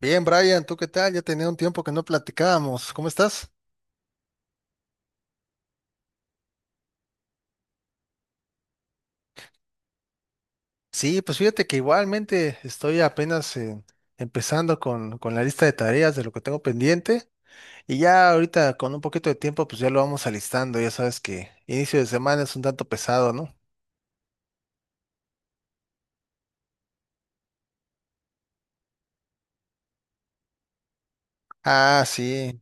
Bien, Brian, ¿tú qué tal? Ya tenía un tiempo que no platicábamos. ¿Cómo estás? Sí, pues fíjate que igualmente estoy apenas empezando con la lista de tareas de lo que tengo pendiente y ya ahorita con un poquito de tiempo pues ya lo vamos alistando. Ya sabes que inicio de semana es un tanto pesado, ¿no? Ah, sí.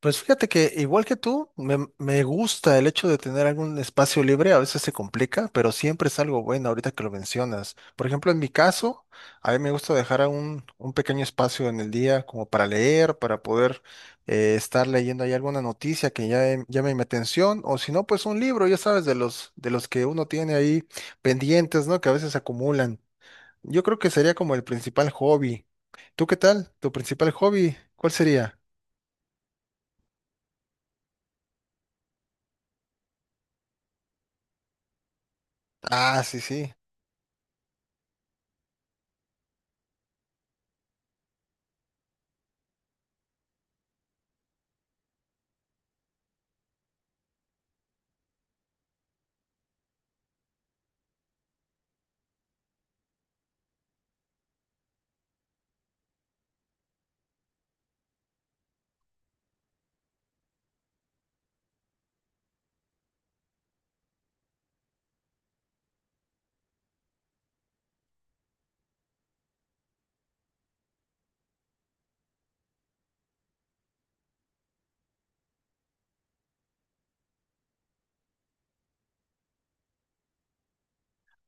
Pues fíjate que igual que tú, me gusta el hecho de tener algún espacio libre, a veces se complica, pero siempre es algo bueno ahorita que lo mencionas. Por ejemplo, en mi caso, a mí me gusta dejar a un pequeño espacio en el día como para leer, para poder estar leyendo ahí alguna noticia que ya llame mi atención, o si no, pues un libro, ya sabes, de de los que uno tiene ahí pendientes, ¿no? Que a veces se acumulan. Yo creo que sería como el principal hobby. ¿Tú qué tal? ¿Tu principal hobby? ¿Cuál sería? Ah, sí, sí.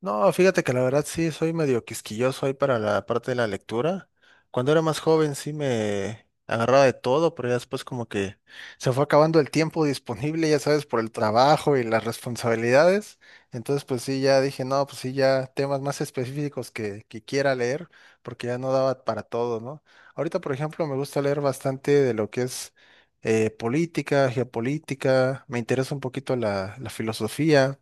No, fíjate que la verdad sí soy medio quisquilloso ahí para la parte de la lectura. Cuando era más joven sí me agarraba de todo, pero ya después como que se fue acabando el tiempo disponible, ya sabes, por el trabajo y las responsabilidades. Entonces pues sí, ya dije, no, pues sí, ya temas más específicos que quiera leer, porque ya no daba para todo, ¿no? Ahorita, por ejemplo, me gusta leer bastante de lo que es política, geopolítica, me interesa un poquito la filosofía.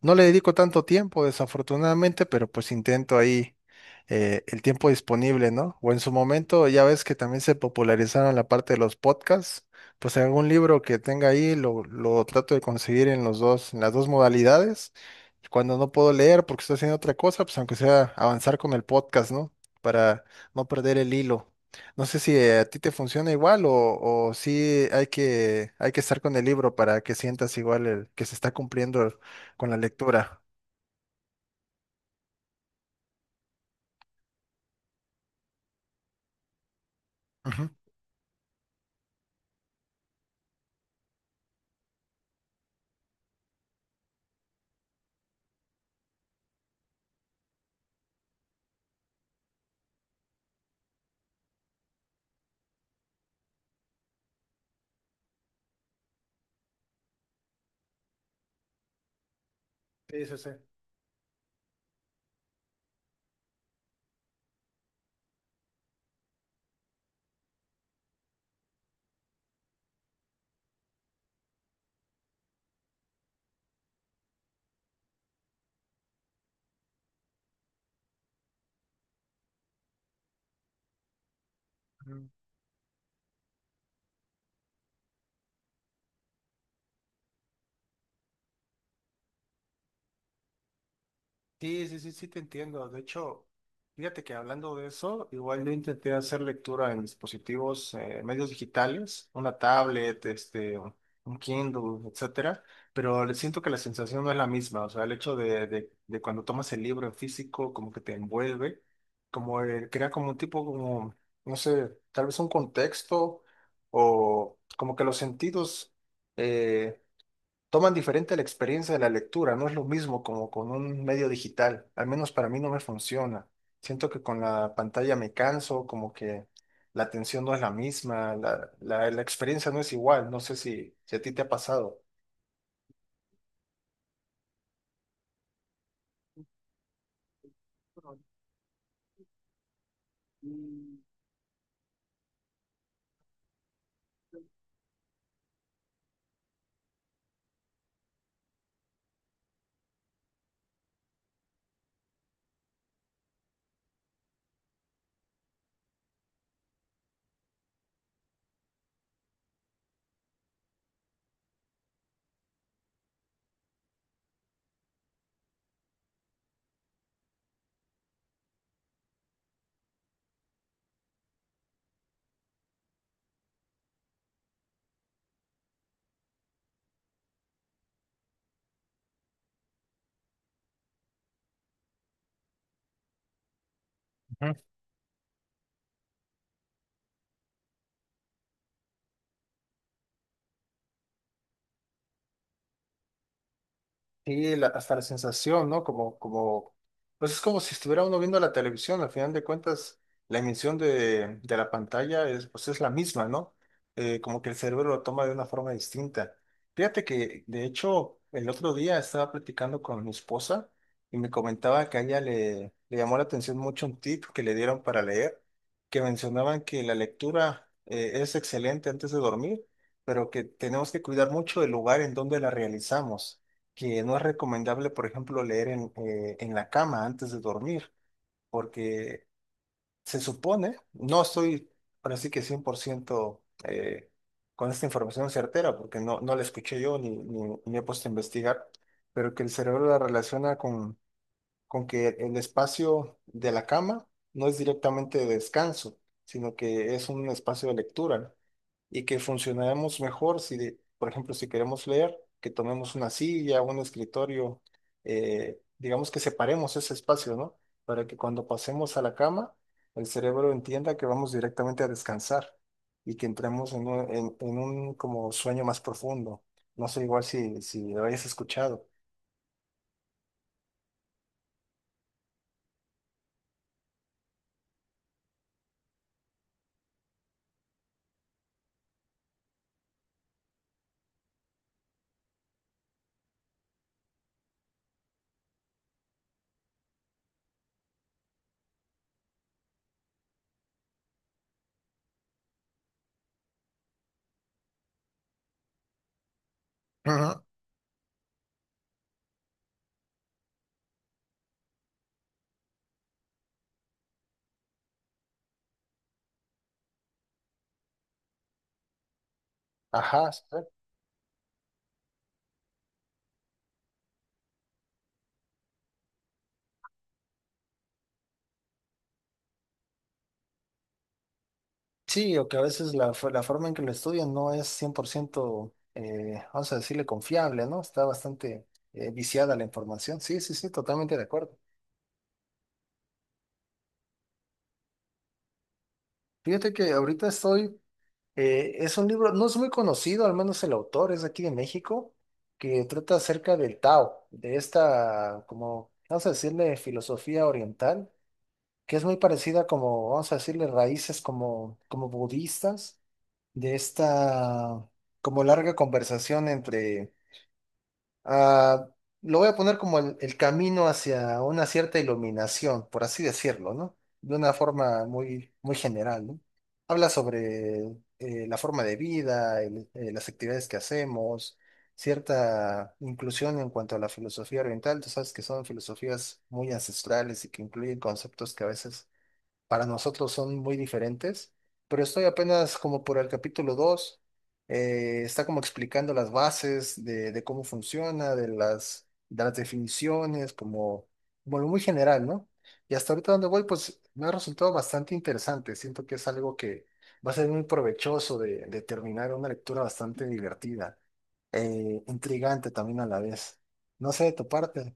No le dedico tanto tiempo, desafortunadamente, pero pues intento ahí el tiempo disponible, ¿no? O en su momento, ya ves que también se popularizaron la parte de los podcasts, pues algún libro que tenga ahí lo trato de conseguir en los dos, en las dos modalidades. Y cuando no puedo leer porque estoy haciendo otra cosa, pues aunque sea avanzar con el podcast, ¿no? Para no perder el hilo. No sé si a ti te funciona igual o sí hay que estar con el libro para que sientas igual el, que se está cumpliendo con la lectura. Ujú. Sí, sí, sí. Mm. Sí, sí, sí, sí, te entiendo. De hecho, fíjate que hablando de eso, igual yo intenté hacer lectura en dispositivos, medios digitales, una tablet, este, un Kindle, etcétera, pero le siento que la sensación no es la misma. O sea, el hecho de cuando tomas el libro en físico, como que te envuelve, como crea como un tipo, como, no sé, tal vez un contexto o como que los sentidos. eh, Toman diferente la experiencia de la lectura, no es lo mismo como con un medio digital, al menos para mí no me funciona. Siento que con la pantalla me canso, como que la atención no es la misma, la experiencia no es igual, no sé si, si a ti te ha pasado. Sí, la- hasta la sensación, ¿no? Como, pues es como si estuviera uno viendo la televisión, al final de cuentas, la emisión de la pantalla es, pues es la misma, ¿no? Como que el cerebro lo toma de una forma distinta. Fíjate que, de hecho, el otro día estaba platicando con mi esposa y me comentaba que a ella le llamó la atención mucho un tip que le dieron para leer, que mencionaban que la lectura es excelente antes de dormir, pero que tenemos que cuidar mucho el lugar en donde la realizamos, que no es recomendable, por ejemplo, leer en la cama antes de dormir, porque se supone, no estoy ahora sí que 100% con esta información certera, porque no, no la escuché yo ni he puesto a investigar, pero que el cerebro la relaciona con que el espacio de la cama no es directamente de descanso, sino que es un espacio de lectura y que funcionaremos mejor si, de- por ejemplo, si queremos leer, que tomemos una silla, un escritorio, digamos que separemos ese espacio, ¿no? Para que cuando pasemos a la cama, el cerebro entienda que vamos directamente a descansar y que entremos en un como sueño más profundo. No sé igual si, si lo hayas escuchado. Ajá. Ajá, sí. Sí, o que a veces la, fo- la forma en que lo estudian no es 100%, vamos a decirle, confiable, ¿no? Está bastante viciada la información. Sí, sí, sí, totalmente de acuerdo. Fíjate que ahorita estoy, es un libro, no es muy conocido, al menos el autor es de aquí de México, que trata acerca del Tao, de esta, como, vamos a decirle, filosofía oriental, que es muy parecida como, vamos a decirle, raíces como, como budistas, de esta, como larga conversación entre ah, lo voy a poner como el camino hacia una cierta iluminación, por así decirlo, ¿no? De una forma muy, muy general, ¿no? Habla sobre la forma de vida, el- las actividades que hacemos, cierta inclusión en cuanto a la filosofía oriental. Tú sabes que son filosofías muy ancestrales y que incluyen conceptos que a veces para nosotros son muy diferentes, pero estoy apenas como por el capítulo 2, está como explicando las bases de cómo funciona, de de las definiciones, como, como lo muy general, ¿no? Y hasta ahorita donde voy, pues me ha resultado bastante interesante, siento que es algo que va a ser muy provechoso de terminar una lectura bastante divertida, intrigante también a la vez. No sé de tu parte.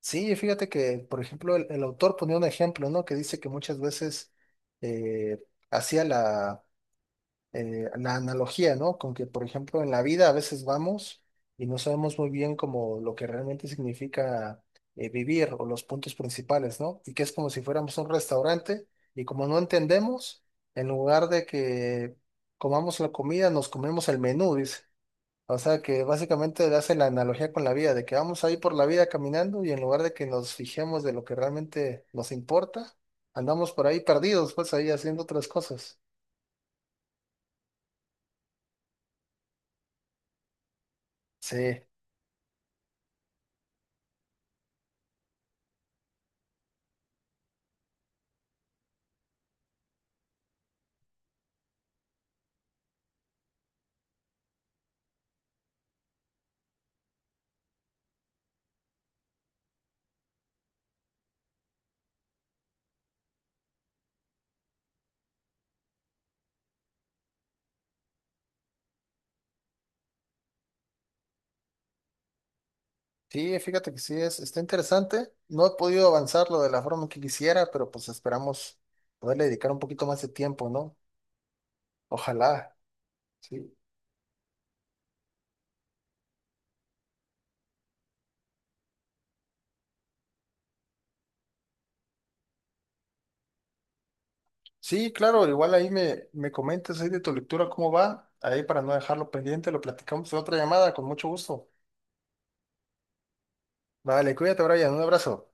Sí, fíjate que, por ejemplo, el autor ponía un ejemplo, ¿no? Que dice que muchas veces eh, hacía la, la analogía, ¿no? Con que, por ejemplo, en la vida a veces vamos y no sabemos muy bien como lo que realmente significa vivir o los puntos principales, ¿no? Y que es como si fuéramos a un restaurante y como no entendemos, en lugar de que comamos la comida, nos comemos el menú, dice. O sea que básicamente le hacen la analogía con la vida, de que vamos ahí por la vida caminando y en lugar de que nos fijemos de lo que realmente nos importa, andamos por ahí perdidos, pues ahí haciendo otras cosas. Sí, sí, fíjate que sí es, está interesante. No he podido avanzarlo de la forma que quisiera, pero pues esperamos poderle dedicar un poquito más de tiempo, ¿no? Ojalá. Sí. Sí, claro, igual ahí me comentas ahí de tu lectura cómo va, ahí para no dejarlo pendiente, lo platicamos en otra llamada, con mucho gusto. Vale, cuídate, Brian, un abrazo.